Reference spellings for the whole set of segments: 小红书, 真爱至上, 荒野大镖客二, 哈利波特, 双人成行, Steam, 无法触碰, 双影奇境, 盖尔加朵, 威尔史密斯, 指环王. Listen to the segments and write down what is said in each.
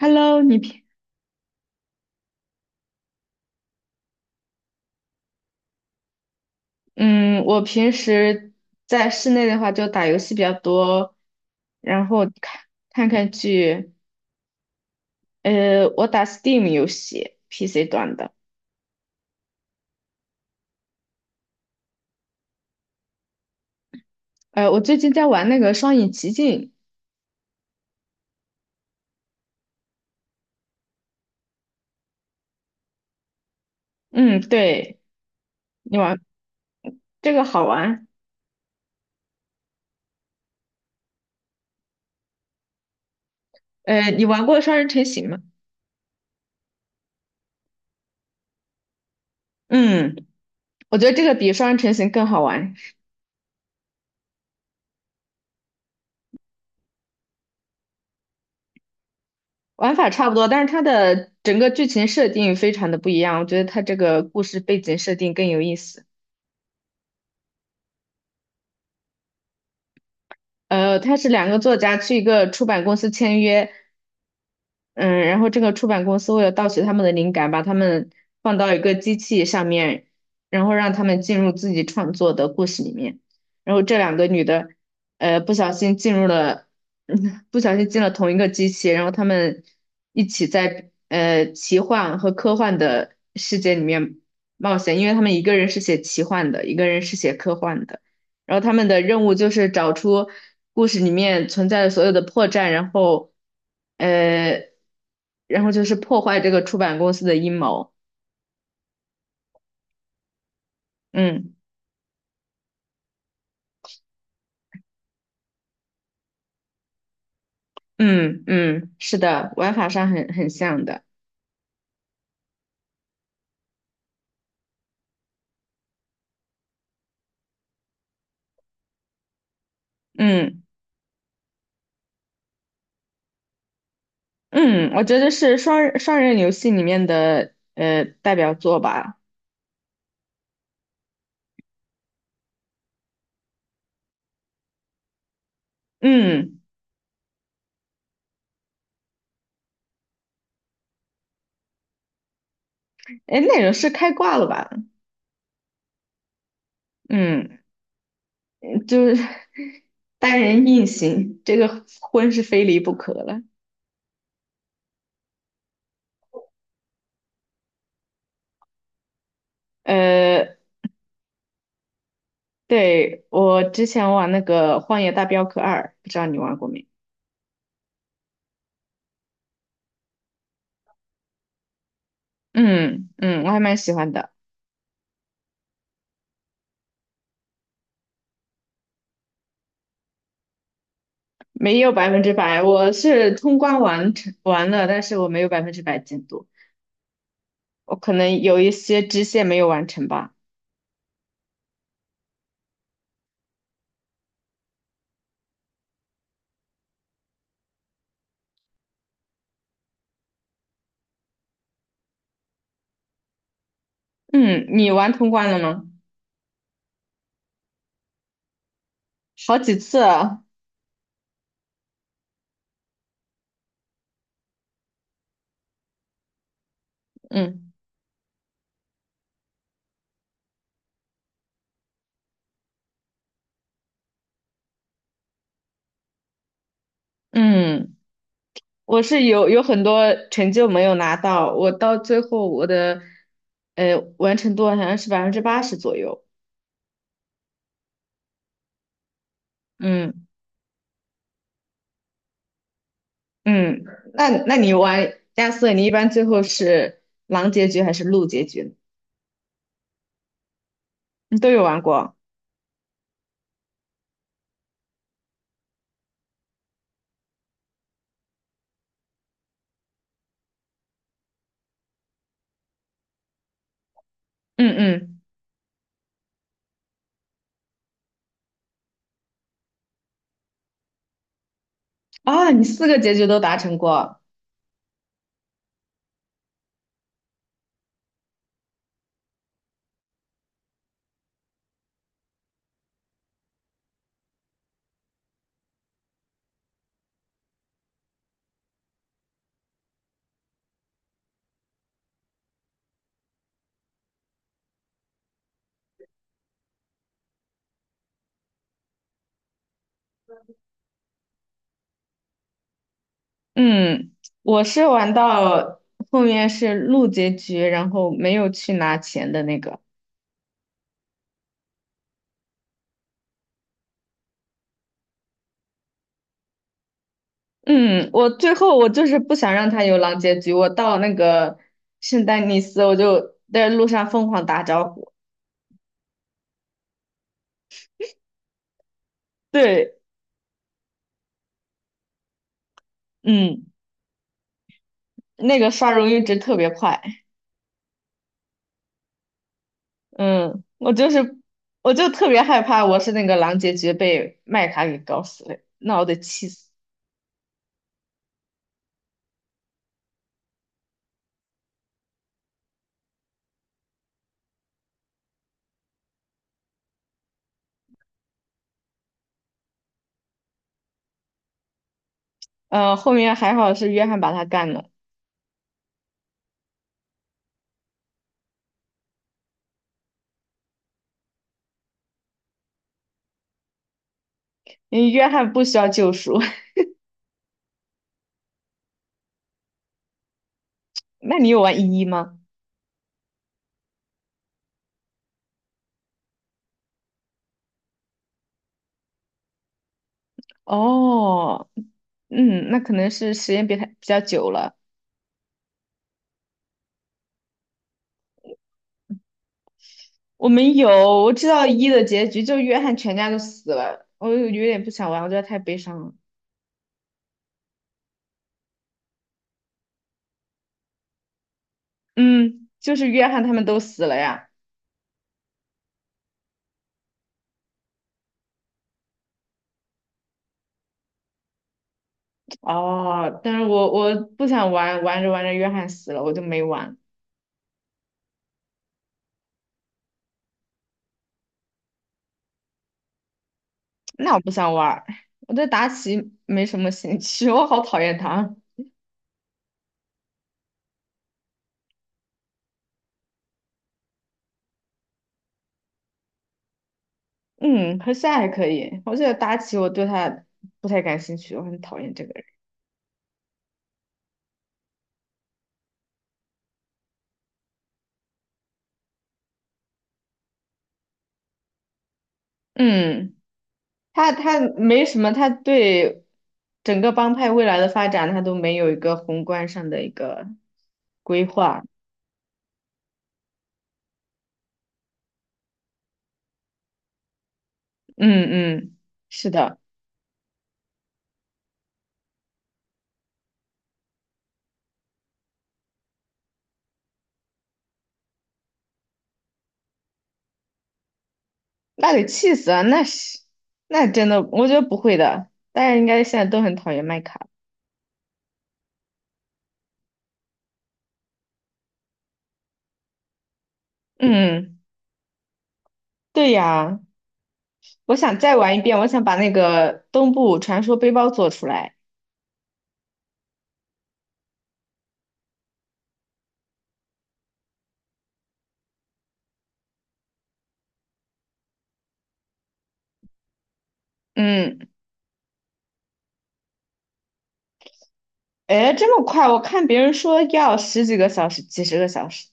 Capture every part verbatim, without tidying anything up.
Hello，你平嗯，我平时在室内的话就打游戏比较多，然后看看看剧。呃，我打 Steam 游戏，P C 端的。呃，我最近在玩那个《双影奇境》。嗯，对，你玩这个好玩。呃，你玩过《双人成行》吗？嗯，我觉得这个比《双人成行》更好玩，玩法差不多，但是它的整个剧情设定非常的不一样。我觉得它这个故事背景设定更有意思。呃，他是两个作家去一个出版公司签约，嗯，然后这个出版公司为了盗取他们的灵感，把他们放到一个机器上面，然后让他们进入自己创作的故事里面。然后这两个女的，呃，不小心进入了，嗯，不小心进了同一个机器，然后他们一起在呃奇幻和科幻的世界里面冒险，因为他们一个人是写奇幻的，一个人是写科幻的。然后他们的任务就是找出故事里面存在的所有的破绽，然后呃，然后就是破坏这个出版公司的阴谋。嗯嗯嗯，是的，玩法上很很像的。嗯嗯，我觉得是双人双人游戏里面的呃代表作吧。嗯，哎，那容是开挂了吧？嗯，就是 单人硬行，这个婚是非离不可了。呃，对，我之前玩那个《荒野大镖客二》，不知道你玩过没？嗯嗯，我还蛮喜欢的，没有百分之百，我是通关完成完了，但是我没有百分之百进度，我可能有一些支线没有完成吧。嗯，你玩通关了吗？好几次啊，嗯嗯，我是有有很多成就没有拿到，我到最后我的呃完成度好像是百分之八十左右，嗯。嗯，那那你玩亚瑟，你一般最后是狼结局还是鹿结局呢？你都有玩过？嗯嗯，啊，你四个结局都达成过。嗯，我是玩到后面是鹿结局，然后没有去拿钱的那个。嗯，我最后我就是不想让他有狼结局，我到那个圣丹尼斯，我就在路上疯狂打招呼。对，嗯，那个刷荣誉值特别快。嗯，我就是，我就特别害怕，我是那个狼结局被麦卡给搞死了，那我得气死。呃，后面还好是约翰把他干了，因为约翰不需要救赎。那你有玩一一吗？哦，嗯，那可能是时间比他比较久了。我没有，我知道一的结局，就约翰全家都死了，我有有点不想玩，我觉得太悲伤了。嗯，就是约翰他们都死了呀。哦，但是我我不想玩，玩着玩着约翰死了，我就没玩。那我不想玩儿，我对达奇没什么兴趣，我好讨厌他。嗯，和下还可以，我觉得达奇我对他不太感兴趣，我很讨厌这个人。嗯，他他没什么，他对整个帮派未来的发展，他都没有一个宏观上的一个规划。嗯嗯，是的，那得气死啊！那是那真的，我觉得不会的，大家应该现在都很讨厌麦卡。嗯，对呀。我想再玩一遍，我想把那个东部传说背包做出来。嗯，哎，这么快？我看别人说要十几个小时、几十个小时。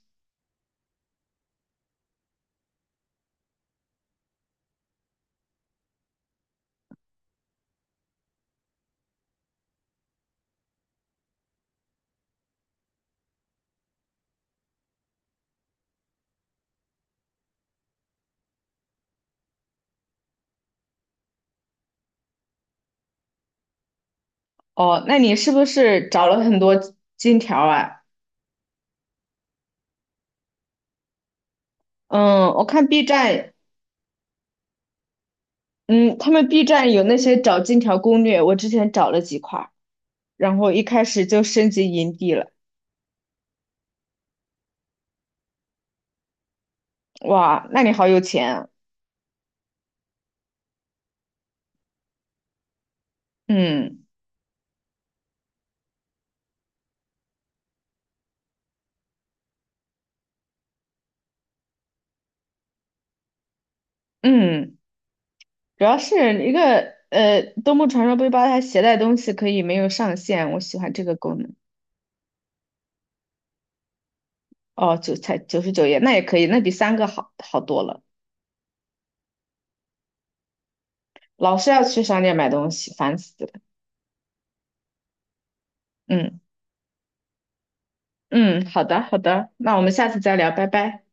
哦，那你是不是找了很多金条啊？嗯，我看 B 站，嗯，他们 B 站有那些找金条攻略，我之前找了几块儿，然后一开始就升级营地了。哇，那你好有钱啊！嗯嗯，主要是一个呃，东部传说背包它携带东西可以没有上限，我喜欢这个功能。哦，九才九十九页，那也可以，那比三个好好多了。老是要去商店买东西，烦死了。嗯嗯，好的好的，那我们下次再聊，拜拜。